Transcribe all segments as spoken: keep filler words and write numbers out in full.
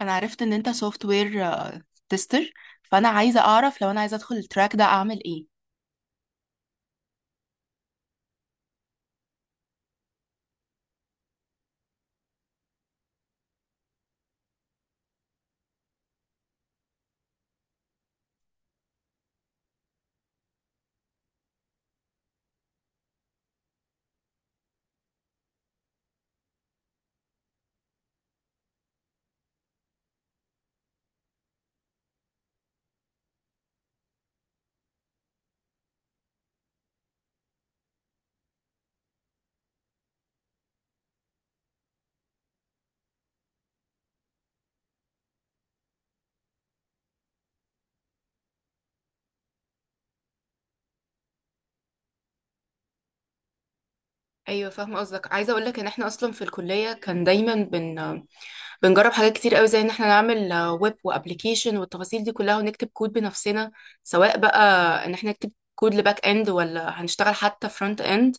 انا عرفت ان انت سوفت وير تيستر، فانا عايزه اعرف لو انا عايزه ادخل التراك ده اعمل ايه. ايوه فاهمه قصدك. عايزه اقول لك ان احنا اصلا في الكليه كان دايما بن بنجرب حاجات كتير قوي، زي ان احنا نعمل ويب وابلكيشن والتفاصيل دي كلها، ونكتب كود بنفسنا، سواء بقى ان احنا نكتب كود لباك اند ولا هنشتغل حتى فرونت اند.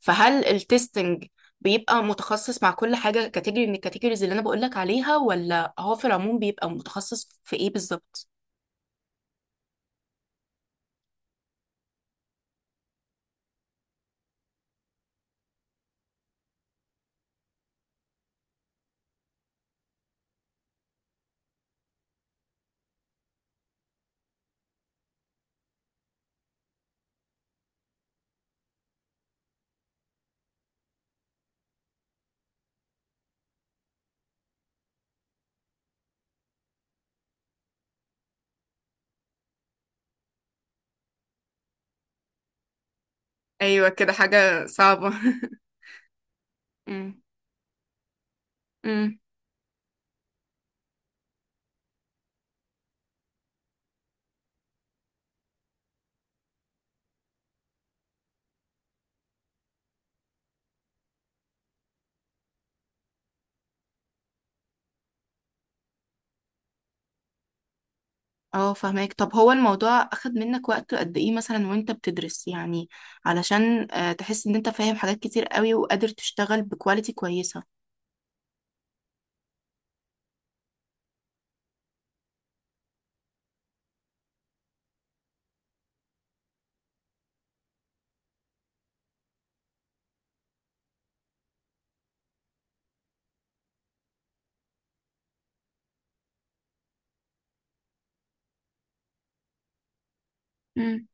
فهل التستنج بيبقى متخصص مع كل حاجه كاتيجوري من الكاتيجوريز اللي انا بقول لك عليها، ولا هو في العموم بيبقى متخصص في ايه بالظبط؟ ايوه كده، حاجة صعبة. امم امم اه فهماك. طب هو الموضوع اخد منك وقت قد ايه مثلا وانت بتدرس يعني، علشان آه، تحس ان انت فاهم حاجات كتير قوي وقادر تشتغل بكواليتي كويسة؟ امم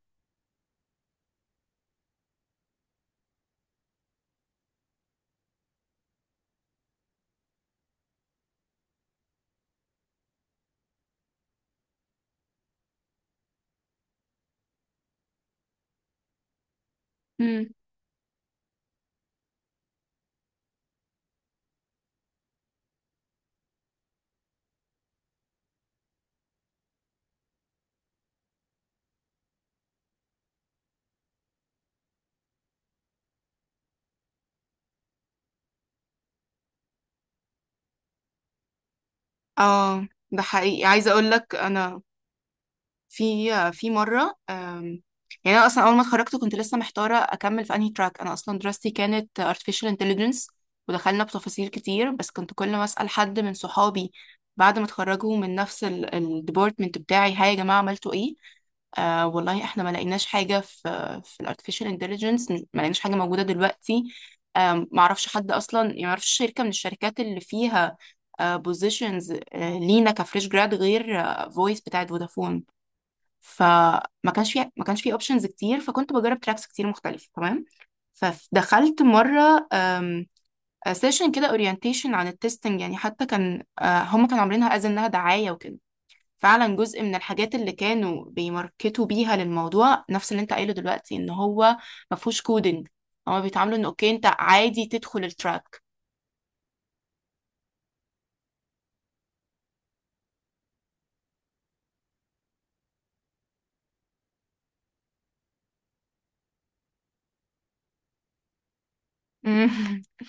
امم اه ده حقيقي. عايزة اقول لك انا، في في مرة أم، يعني أنا أصلا أول ما اتخرجت كنت لسه محتارة أكمل في أنهي تراك. أنا أصلا دراستي كانت artificial intelligence ودخلنا بتفاصيل كتير، بس كنت كل ما أسأل حد من صحابي بعد ما اتخرجوا من نفس الديبارتمنت بتاعي، هاي يا جماعة عملتوا إيه، آه والله احنا ما لقيناش حاجة، في في الارتفيشال انتليجنس ما لقيناش حاجة موجودة دلوقتي. آم، ما اعرفش حد اصلا، يعني ما اعرفش شركة من الشركات اللي فيها بوزيشنز لينا كفريش جراد غير فويس بتاعت فودافون. فما كانش في، ما كانش في اوبشنز كتير، فكنت بجرب تراكس كتير مختلفه. تمام. فدخلت مره سيشن كده اورينتيشن عن التستنج، يعني حتى كان آه، هم كانوا عاملينها از انها دعايه وكده. فعلا جزء من الحاجات اللي كانوا بيماركتوا بيها للموضوع نفس اللي انت قايله دلوقتي، ان هو ما فيهوش كودنج. هما بيتعاملوا ان اوكي انت عادي تدخل التراك.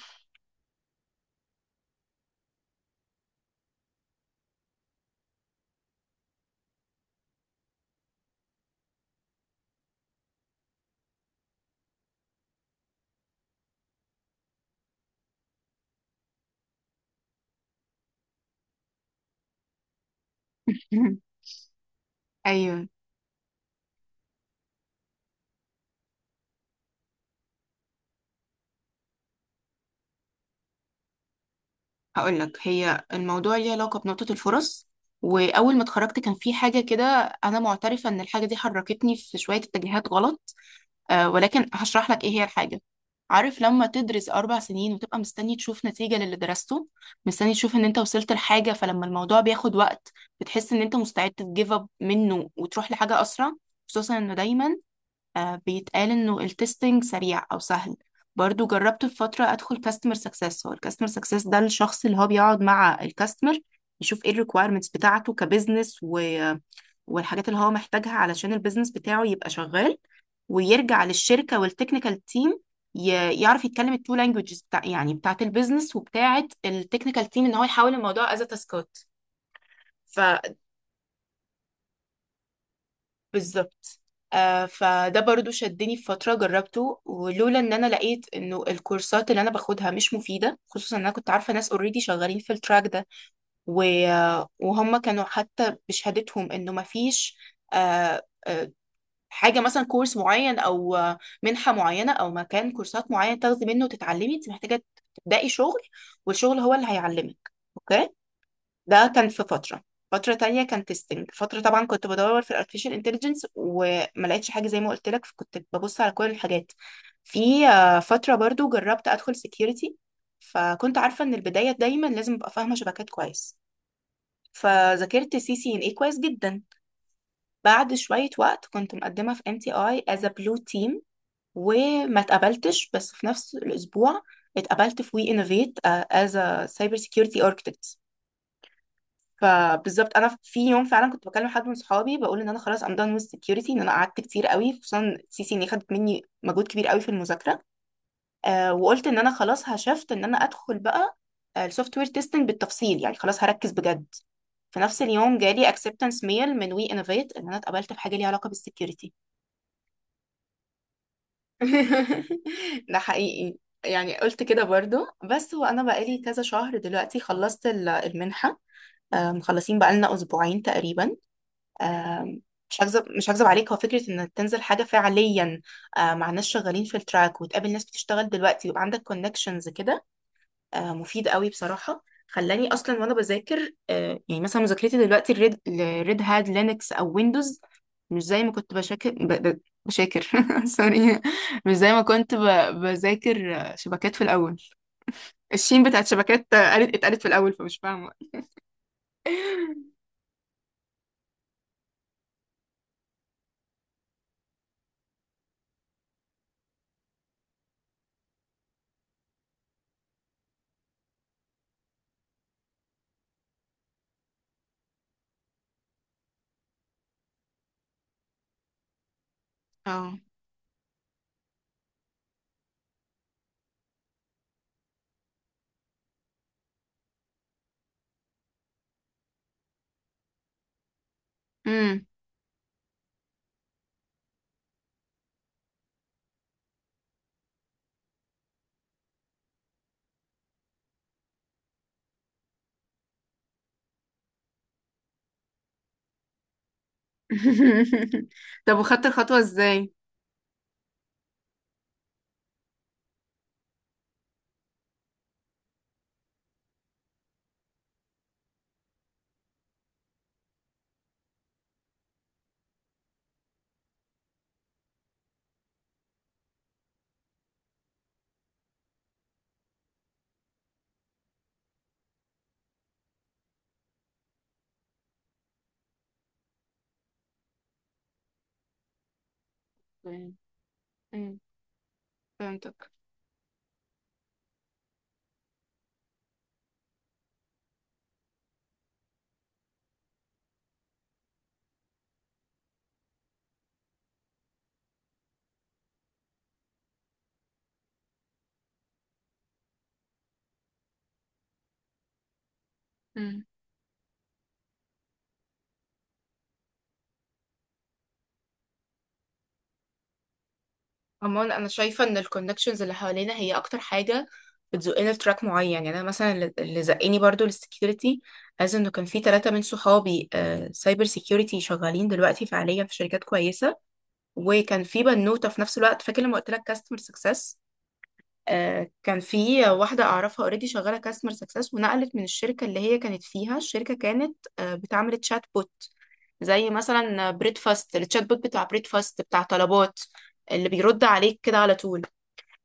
ايوه. هقول لك، هي الموضوع ليه علاقة بنقطة الفرص. وأول ما اتخرجت كان في حاجة كده، أنا معترفة إن الحاجة دي حركتني في شوية اتجاهات غلط، آه، ولكن هشرح لك إيه هي الحاجة. عارف لما تدرس أربع سنين وتبقى مستني تشوف نتيجة للي درسته، مستني تشوف إن أنت وصلت لحاجة، فلما الموضوع بياخد وقت بتحس إن أنت مستعد تجيف أب منه وتروح لحاجة أسرع، خصوصا إنه دايما آه، بيتقال انه التستنج سريع او سهل. برضو جربت في فترة ادخل كاستمر سكسس. هو الكاستمر سكسس ده الشخص اللي هو بيقعد مع الكاستمر، يشوف ايه الريكويرمنتس بتاعته كبزنس، و... والحاجات اللي هو محتاجها علشان البيزنس بتاعه يبقى شغال، ويرجع للشركة والتكنيكال تيم، ي... يعرف يتكلم التو لانجوجز بتاع، يعني بتاعت البيزنس وبتاعت التكنيكال تيم، ان هو يحول الموضوع از تاسكات. بالظبط. آه فده برضو شدني في فترة جربته، ولولا ان انا لقيت انه الكورسات اللي انا باخدها مش مفيدة، خصوصا ان انا كنت عارفة ناس اوريدي شغالين في التراك ده، و... آه، وهم كانوا حتى بشهادتهم انه مفيش آه آه حاجة، مثلا كورس معين او آه، منحة معينة او مكان كورسات معين تاخدي منه وتتعلمي. انت محتاجة تبدأي شغل، والشغل هو اللي هيعلمك. اوكي. ده كان في فترة. فترة تانية كان تيستنج. فترة طبعا كنت بدور في الارتفيشال انتليجنس وما لقيتش حاجة زي ما قلت لك، فكنت ببص على كل الحاجات. في آه، فترة برضو جربت ادخل سكيورتي، فكنت عارفة ان البداية دايما لازم ابقى فاهمة شبكات كويس، فذاكرت سي سي ان اي كويس جدا. بعد شوية وقت كنت مقدمة في ام تي اي از بلو تيم وما اتقبلتش، بس في نفس الاسبوع اتقبلت في وي انوفيت از سايبر سكيورتي architect. فبالظبط انا في يوم فعلا كنت بكلم حد من صحابي بقول ان انا خلاص، ام done with security، ان انا قعدت كتير قوي خصوصا سي سي ان خدت مني مجهود كبير قوي في المذاكره. آه وقلت ان انا خلاص هشفت ان انا ادخل بقى السوفت وير تيستنج بالتفصيل، يعني خلاص هركز بجد. في نفس اليوم جالي acceptance mail من وي انوفيت ان انا اتقبلت في حاجه ليها علاقه بالسكيورتي. ده حقيقي. يعني قلت كده برضو. بس هو انا بقالي كذا شهر دلوقتي، خلصت ال- المنحه، آه، مخلصين بقالنا اسبوعين تقريبا. آم، مش هكذب مش هكذب عليك، هو فكرة انك تنزل حاجة فعليا آه، مع ناس شغالين في التراك، وتقابل ناس بتشتغل دلوقتي ويبقى عندك كونكشنز كده، آه، مفيد قوي بصراحة. خلاني اصلا وانا بذاكر آه، يعني مثلا مذاكرتي دلوقتي الريد الريد هات لينكس او ويندوز، مش زي ما كنت بشاكر ب- ب- بشاكر. سوري، مش زي ما كنت ب- بذاكر آه، شبكات في الاول. الشين بتاعت شبكات آه، قالت اتقالت في الاول فمش فاهمة. اه. طب وخدت الخطوة ازاي؟ مم. مم. فهمتك. مم. عموما انا شايفه ان الكونكشنز اللي حوالينا هي اكتر حاجه بتزقنا لتراك معين. يعني انا مثلا اللي اللي زقني برضو للسكيورتي، از انه كان في تلاتة من صحابي سايبر سيكيورتي شغالين دلوقتي فعليا في شركات كويسه، وكان في بنوته في نفس الوقت، فاكر لما قلت لك كاستمر سكسس، آه، كان في واحدة أعرفها اوريدي شغالة كاستمر سكسس، ونقلت من الشركة اللي هي كانت فيها. الشركة كانت آه، بتعمل تشات بوت، زي مثلا بريد فاست، التشات بوت بتاع بريد فاست بتاع طلبات اللي بيرد عليك كده على طول.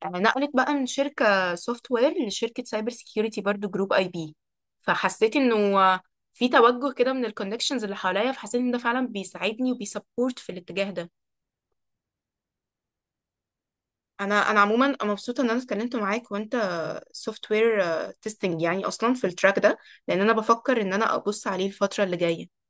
آه، نقلت بقى من شركة سوفت وير لشركة سايبر سيكيورتي، برضو جروب اي بي. فحسيت انه آه، في توجه كده من الكونكشنز اللي حواليا، فحسيت ان ده فعلا بيساعدني وبيسبورت في الاتجاه ده. انا انا عموما مبسوطه ان انا اتكلمت معاك، وانت سوفت وير تيستنج يعني اصلا في التراك ده، لان انا بفكر ان انا ابص عليه الفتره اللي جايه.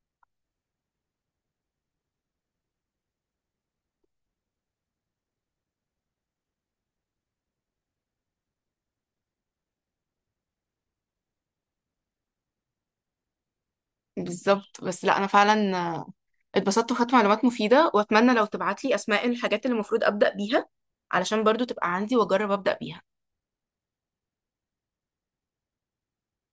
بالظبط. بس لا انا فعلا آه، اتبسطت وخدت معلومات مفيده، واتمنى لو تبعت لي اسماء الحاجات اللي المفروض ابدا بيها، علشان برضو تبقى عندي واجرب ابدا بيها.